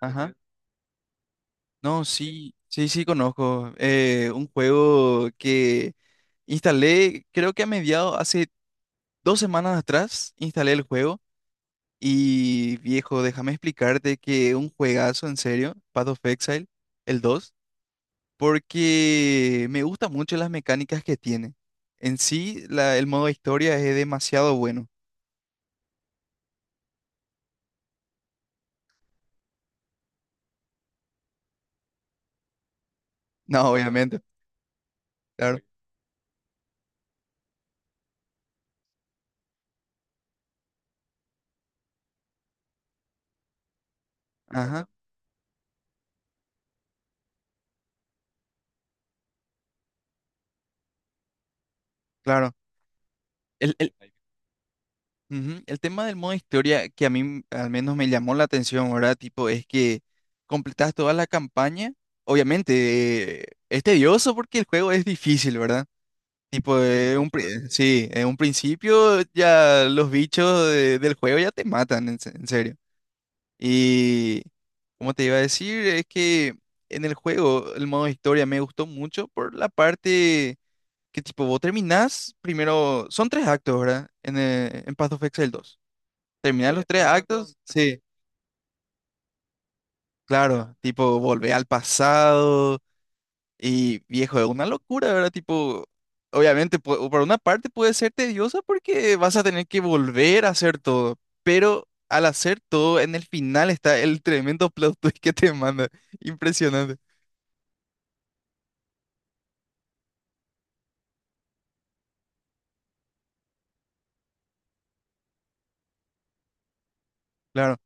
Ajá. No, sí, sí, sí, conozco. Un juego que instalé, creo que a mediados, hace 2 semanas atrás, instalé el juego. Y viejo, déjame explicarte que un juegazo, en serio, Path of Exile, el dos, porque me gustan mucho las mecánicas que tiene. En sí, el modo historia es demasiado bueno. No, claro, obviamente, claro. Ajá, claro. El, el- Ujú. El tema del modo historia que a mí al menos me llamó la atención, ¿verdad? Tipo, es que completas toda la campaña. Obviamente, es tedioso porque el juego es difícil, ¿verdad? Tipo, sí, en un principio ya los bichos del juego ya te matan, en, en serio. Y como te iba a decir, es que en el juego el modo historia me gustó mucho por la parte que tipo, vos terminás primero, son tres actos, ¿verdad? En Path of Exile dos. Terminar los tres actos. Sí, claro, tipo volver al pasado y viejo, es una locura, ¿verdad? Tipo, obviamente, por una parte puede ser tediosa porque vas a tener que volver a hacer todo, pero al hacer todo, en el final está el tremendo plot twist que te manda. Impresionante, claro.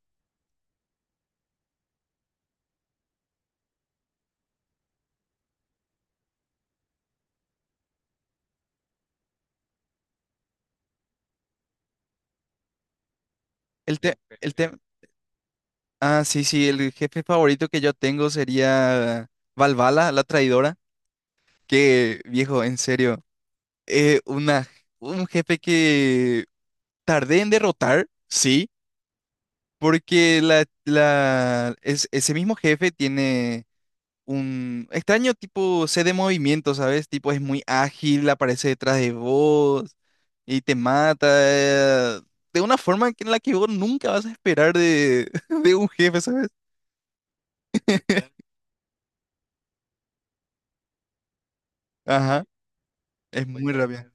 El te, El te, ah, sí, sí, el jefe favorito que yo tengo sería Valvala, la traidora, que viejo, en serio, eh, una, un jefe que tardé en derrotar, sí, porque ese mismo jefe tiene un extraño tipo C de movimiento, ¿sabes? Tipo es muy ágil, aparece detrás de vos y te mata de una forma en la que vos nunca vas a esperar de, de un jefe, ¿sabes? Ajá, es muy rápida.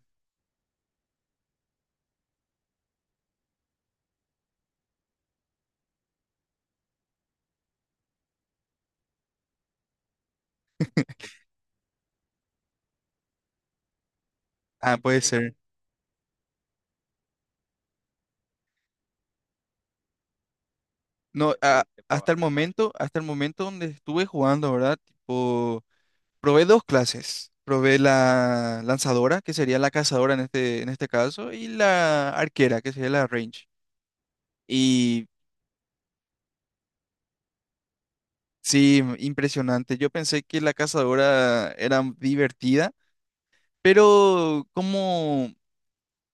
Ah, puede ser. No, a- hasta el momento donde estuve jugando, ¿verdad? Tipo, probé dos clases. Probé la lanzadora, que sería la cazadora en este caso, y la arquera, que sería la range. Y sí, impresionante. Yo pensé que la cazadora era divertida, pero como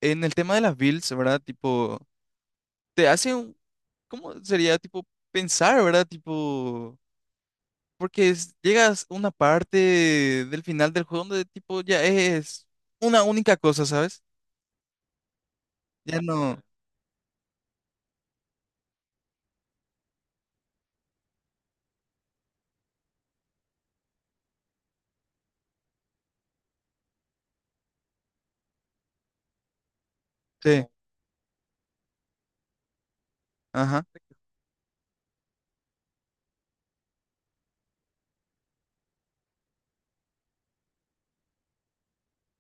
en el tema de las builds, ¿verdad? Tipo, te hace un, ¿cómo sería? Tipo, pensar, ¿verdad? Tipo, porque llegas a una parte del final del juego donde tipo ya es una única cosa, ¿sabes? Ya no. Sí, ajá.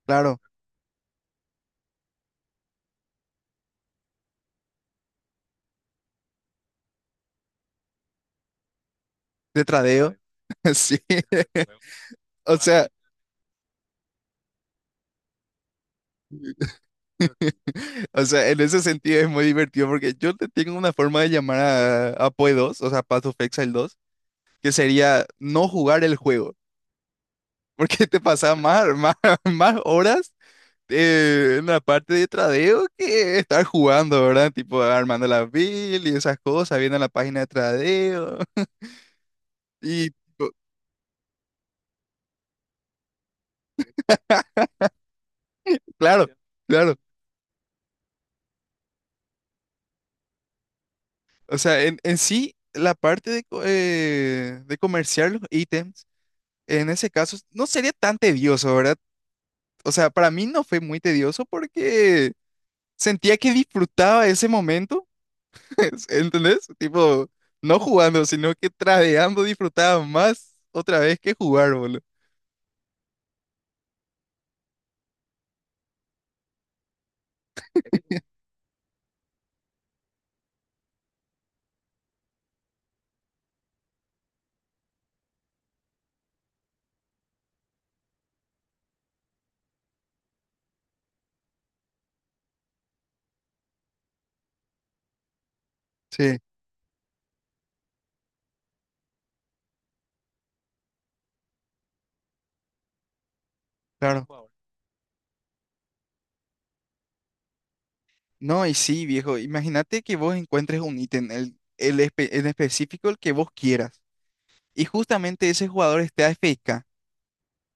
Claro. De tradeo. Sí, o sea, o sea, en ese sentido es muy divertido porque yo te tengo una forma de llamar a PoE 2, o sea, Path of Exile dos, que sería no jugar el juego, porque te pasaba más horas en la parte de tradeo que estar jugando, ¿verdad? Tipo armando la build y esas cosas, viendo la página de tradeo. Y tipo, claro, claro, o sea, en sí, la parte de, de comerciar los ítems. En ese caso, no sería tan tedioso, ¿verdad? O sea, para mí no fue muy tedioso porque sentía que disfrutaba ese momento, ¿entendés? Tipo, no jugando, sino que tradeando disfrutaba más otra vez que jugar, boludo. Sí, claro. No, y sí, viejo, imagínate que vos encuentres un ítem, en específico el que vos quieras, y justamente ese jugador esté AFK.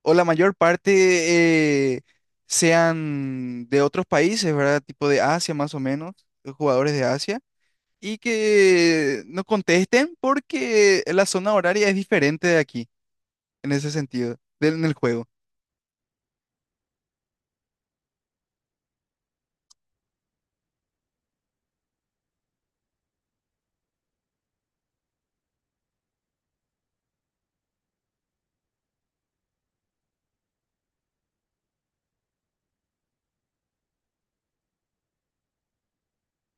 O la mayor parte sean de otros países, ¿verdad? Tipo de Asia más o menos, jugadores de Asia, y que no contesten porque la zona horaria es diferente de aquí, en ese sentido, del en el juego.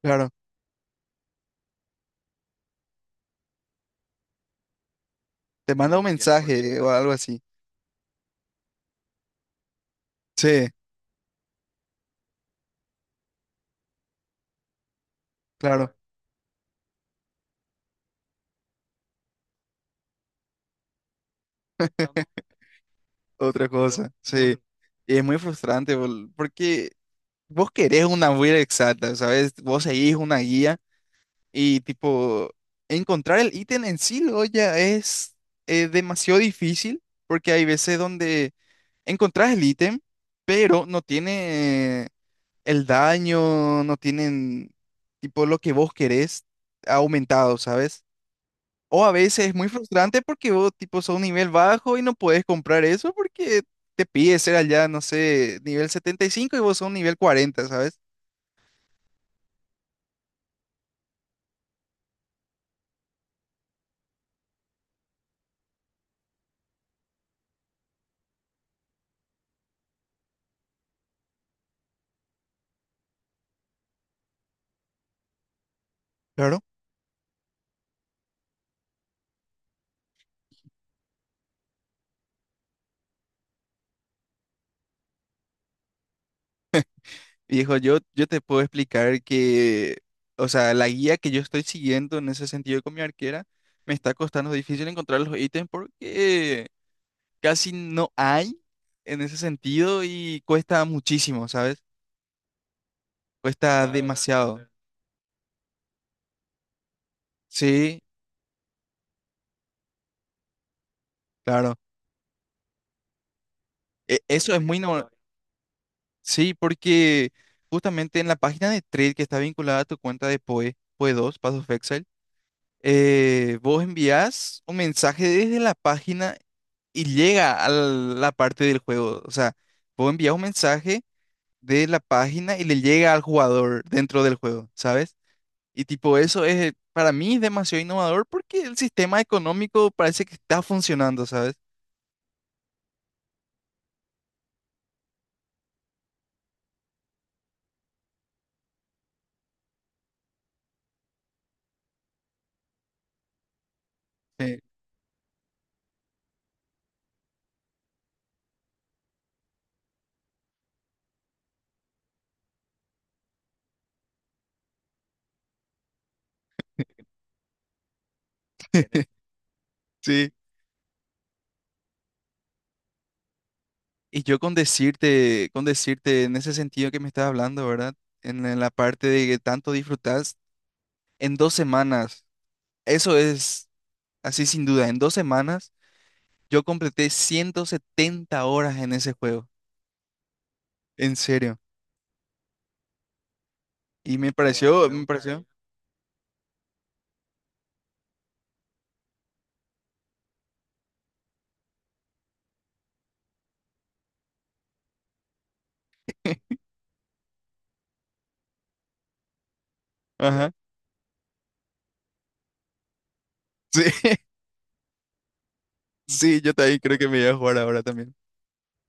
Claro, te manda un mensaje o algo así. Sí, claro, otra cosa, sí. Y es muy frustrante porque vos querés una guía exacta, ¿sabes? Vos seguís una guía. Y tipo, encontrar el ítem en sí luego ya es demasiado difícil porque hay veces donde encontrás el ítem, pero no tiene el daño, no tienen tipo lo que vos querés aumentado, ¿sabes? O a veces es muy frustrante porque vos tipo sos un nivel bajo y no podés comprar eso porque te pide ser allá, no sé, nivel 75 y vos sos un nivel 40, ¿sabes? Viejo, yo te puedo explicar que, o sea, la guía que yo estoy siguiendo en ese sentido con mi arquera, me está costando difícil encontrar los ítems porque casi no hay en ese sentido y cuesta muchísimo, ¿sabes? Cuesta claro, la demasiado. Encuentro. Sí, claro. No, eso es muy normal. Sí, porque justamente en la página de trade que está vinculada a tu cuenta de PoE, PoE dos, Path of Exile, vos envías un mensaje desde la página. Y llega a la parte del juego. O sea, vos envías un mensaje de la página y le llega al jugador dentro del juego, ¿sabes? Y tipo, eso es para mí demasiado innovador porque el sistema económico parece que está funcionando, ¿sabes? Eh, sí. Y yo con decirte en ese sentido que me estás hablando, ¿verdad? En la parte de que tanto disfrutas, en dos semanas, eso es así sin duda, en 2 semanas yo completé 170 horas en ese juego, en serio. Y me pareció. Ajá. Sí, sí, yo también creo que me voy a jugar ahora también.